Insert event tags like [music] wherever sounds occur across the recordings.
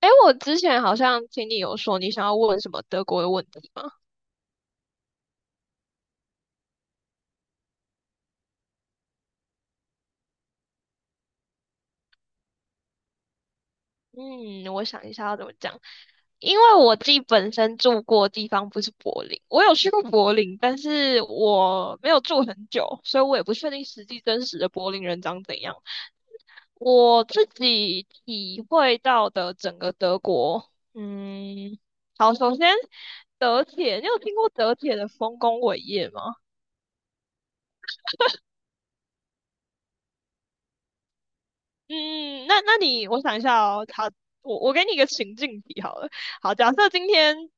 哎，我之前好像听你有说你想要问什么德国的问题吗？嗯，我想一下要怎么讲。因为我自己本身住过的地方不是柏林，我有去过柏林，但是我没有住很久，所以我也不确定实际真实的柏林人长怎样。我自己体会到的整个德国，嗯，好，首先德铁，你有听过德铁的丰功伟业吗？嗯，那你，我想一下哦，好，我给你一个情境题好了。好，假设今天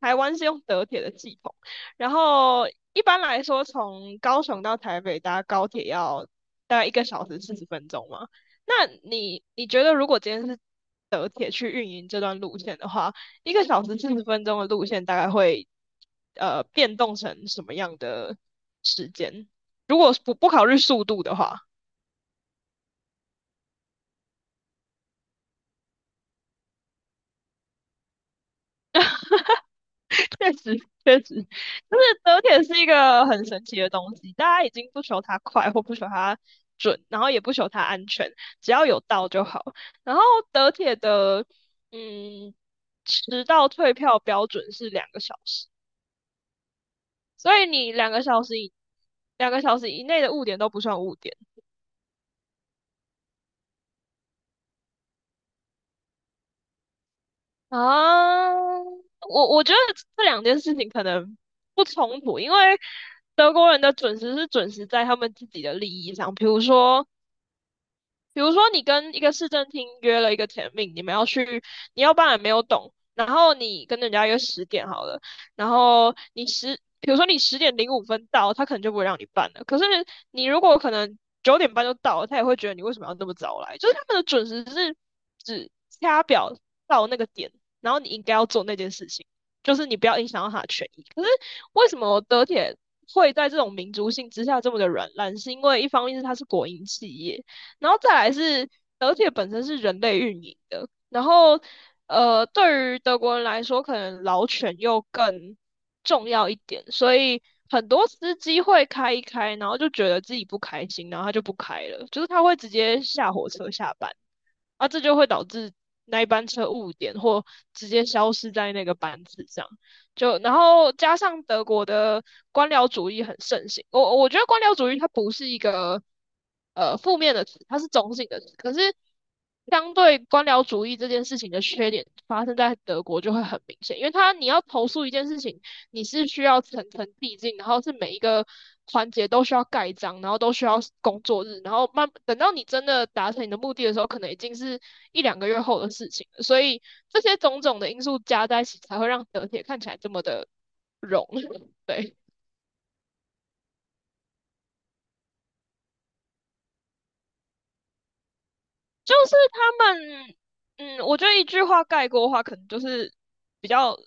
台湾是用德铁的系统，然后一般来说从高雄到台北搭高铁要大概一个小时四十分钟嘛。那你觉得如果今天是德铁去运营这段路线的话，一个小时四十分钟的路线大概会变动成什么样的时间？如果不考虑速度的话。确实，确实，就是德铁是一个很神奇的东西，大家已经不求它快或不求它准，然后也不求它安全，只要有到就好。然后德铁的嗯迟到退票标准是两个小时，所以你两个小时以内的误点都不算误点啊。我觉得这两件事情可能不冲突，因为德国人的准时是准时在他们自己的利益上，比如说。比如说，你跟一个市政厅约了一个 t 命，你们要去，你要办也没有懂，然后你跟人家约十点好了，然后比如说你10:05到，他可能就不会让你办了。可是你如果可能9点半就到了，他也会觉得你为什么要那么早来？就是他们的准时是只掐表到那个点，然后你应该要做那件事情，就是你不要影响到他的权益。可是为什么德铁会在这种民族性之下这么的软烂？是因为一方面是它是国营企业。然后再来是而且本身是人类运营的，然后对于德国人来说，可能老犬又更重要一点，所以很多司机会开一开，然后就觉得自己不开心，然后他就不开了，就是他会直接下火车下班。啊，这就会导致那一班车误点或直接消失在那个班次上。就然后加上德国的官僚主义很盛行，我觉得官僚主义它不是一个负面的词，它是中性的词。可是相对官僚主义这件事情的缺点发生在德国就会很明显，因为它你要投诉一件事情，你是需要层层递进，然后是每一个环节都需要盖章，然后都需要工作日，然后慢等到你真的达成你的目的的时候，可能已经是一两个月后的事情了。所以这些种种的因素加在一起，才会让德铁看起来这么的融。[laughs] 对，就是他们，嗯，我觉得一句话概括的话，可能就是比较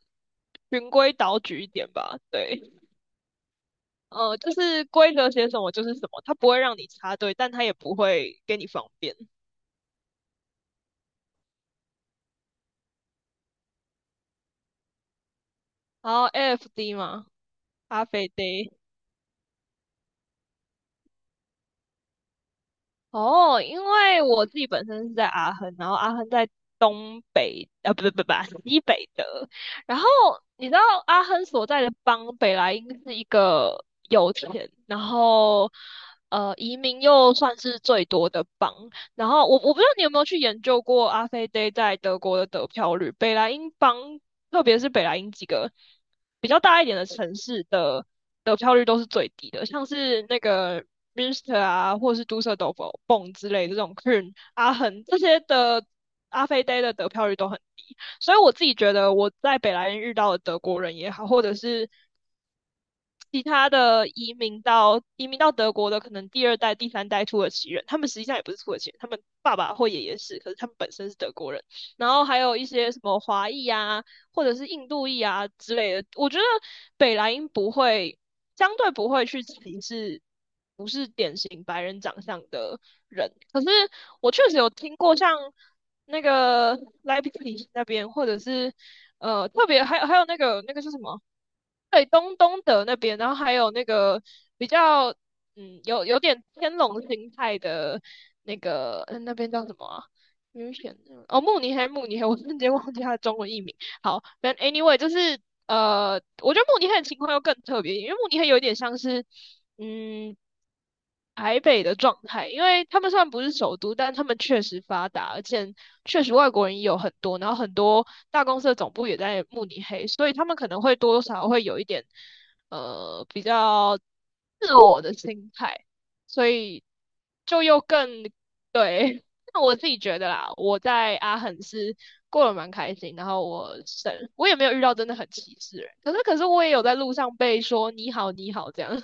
循规蹈矩一点吧。对，就是规则写什么就是什么，它不会让你插队，但它也不会给你方便。然后 AFD 嘛，咖啡 day。哦，因为我自己本身是在阿亨，然后阿亨在东北，啊，不对不对不 [laughs] 西北的。然后你知道阿亨所在的邦北莱茵是一个油田，然后移民又算是最多的邦。然后我不知道你有没有去研究过阿飞 d 在德国的得票率，北莱茵邦，特别是北莱茵几个比较大一点的城市的。得票率都是最低的，像是那个 Minster 啊，或者是 Düsseldorf、Bonn 之类的这种 Köln、阿恒这些的阿飞 Day 的得票率都很低，所以我自己觉得我在北莱茵遇到的德国人也好，或者是其他的移民到德国的，可能第二代、第三代土耳其人，他们实际上也不是土耳其人，他们爸爸或爷爷是，可是他们本身是德国人。然后还有一些什么华裔啊，或者是印度裔啊之类的。我觉得北莱茵不会，相对不会去歧视不是典型白人长相的人。可是我确实有听过像那个莱比锡那边，或者是特别还有那个是什么？对，东德那边，然后还有那个比较，嗯，有点天龙心态的那个，那边叫什么啊？明显哦，慕尼黑，慕尼黑，我瞬间忘记它的中文译名。好，但 anyway，就是我觉得慕尼黑的情况又更特别，因为慕尼黑有点像是，嗯。台北的状态，因为他们虽然不是首都，但他们确实发达，而且确实外国人也有很多，然后很多大公司的总部也在慕尼黑，所以他们可能会多多少少会有一点比较自我的心态，所以就又更对。[laughs] 那我自己觉得啦，我在阿肯是过得蛮开心，然后我省我也没有遇到真的很歧视的人，可是我也有在路上被说你好你好这样。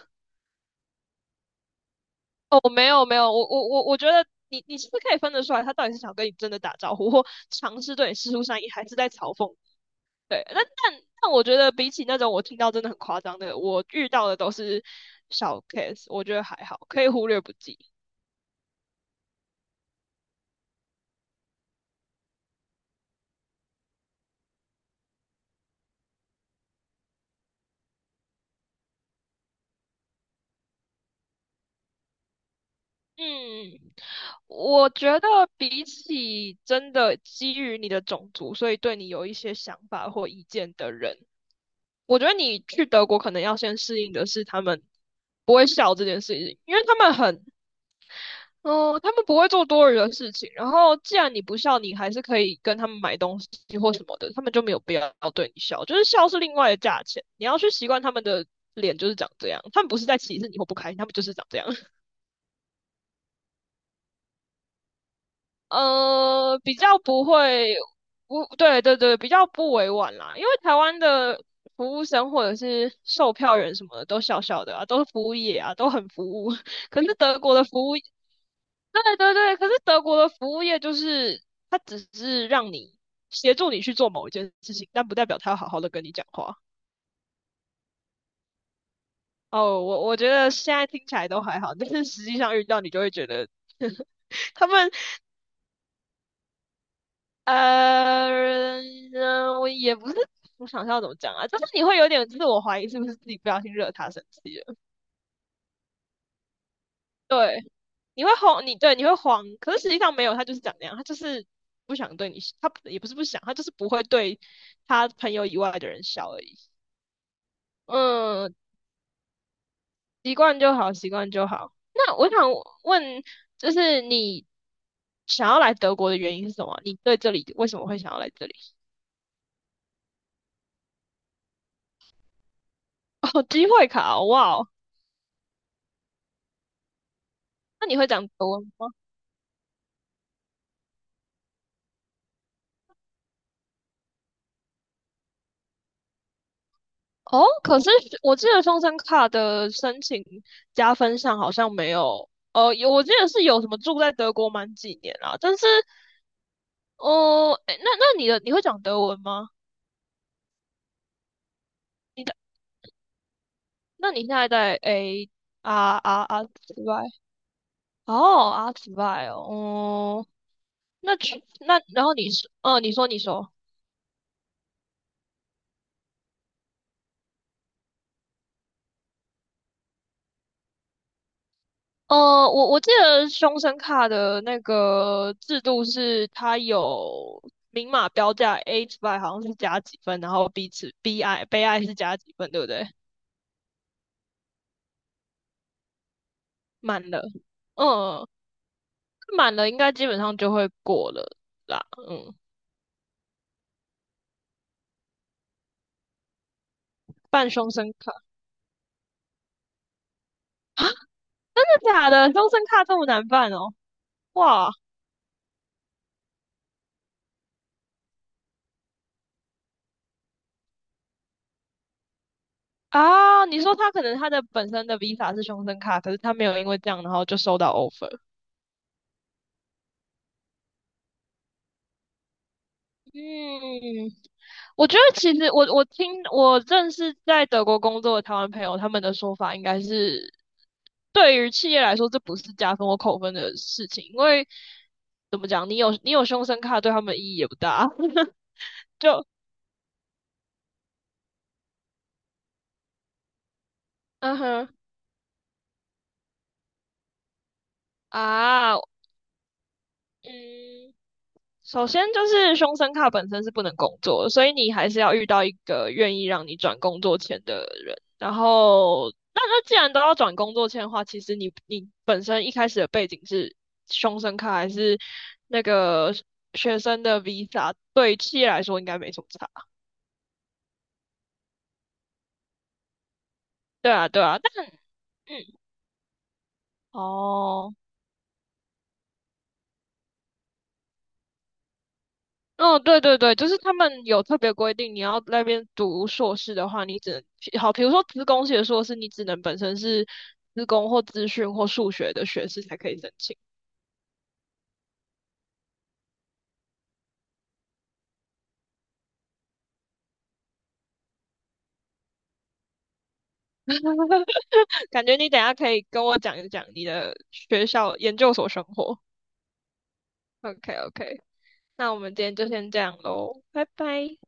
哦，没有没有，我觉得你是不是可以分得出来，他到底是想跟你真的打招呼，或尝试对你示出善意，还是在嘲讽你对，那但我觉得比起那种我听到真的很夸张的，我遇到的都是小 case，我觉得还好，可以忽略不计。嗯，我觉得比起真的基于你的种族，所以对你有一些想法或意见的人，我觉得你去德国可能要先适应的是他们不会笑这件事情，因为他们很哦，他们不会做多余的事情。然后，既然你不笑，你还是可以跟他们买东西或什么的，他们就没有必要对你笑。就是笑是另外的价钱，你要去习惯他们的脸就是长这样。他们不是在歧视你或不开心，他们就是长这样。[laughs] 比较不会，不，对对对，比较不委婉啦。因为台湾的服务生或者是售票员什么的都笑笑的啊，都是服务业啊，都很服务。[laughs] 可是德国的服务对对对，可是德国的服务业就是它只是让你协助你去做某一件事情，但不代表他要好好的跟你讲话。哦，我觉得现在听起来都还好，但是实际上遇到你就会觉得 [laughs] 他们呃，我也不是，我想一下要怎么讲啊，就是你会有点自我怀疑，是不是自己不小心惹他生气了？对。你会慌，你对你会慌，可是实际上没有，他就是长那样，他就是不想对你，他也不是不想，他就是不会对他朋友以外的人笑而已。嗯，习惯就好，习惯就好。那我想问，就是你想要来德国的原因是什么？你对这里为什么会想要来这里？[laughs] 哦，机会卡哦，哇哦那你会讲德文吗？哦，可是我记得双生卡的申请加分上好像没有。哦，有我记得是有什么住在德国满几年啊，但是哦，诶，那你的你会讲德文吗？你的那你现在在诶啊啊啊之外，哦啊之外哦，哦，那去那然后你说，你说你说，呃，我记得凶神卡的那个制度是它有明码标价，A 之外好像是加几分，然后 B 次 B I 悲哀是加几分，对不对？满了，嗯，满了应该基本上就会过了啦，嗯，办凶神卡。真的假的？终身卡这么难办哦？哇啊！你说他可能他的本身的 Visa 是终身卡，可是他没有因为这样，然后就收到 offer。嗯，我觉得其实我听我认识在德国工作的台湾朋友，他们的说法应该是，对于企业来说，这不是加分或扣分的事情，因为怎么讲，你有终身卡对他们意义也不大。[laughs] 就嗯哼啊，嗯，首先就是凶生卡本身是不能工作所以你还是要遇到一个愿意让你转工作签的人。然后，那既然都要转工作签的话，其实你本身一开始的背景是凶生卡还是那个学生的 visa，对企业来说应该没什么差。对啊，对啊，但嗯，哦。嗯，对对对，就是他们有特别规定，你要那边读硕士的话，你只能好，比如说资工系的硕士，你只能本身是资工或资讯或数学的学士才可以申请。[laughs] 感觉你等一下可以跟我讲一讲你的学校研究所生活。OK OK，那我们今天就先这样喽，拜拜。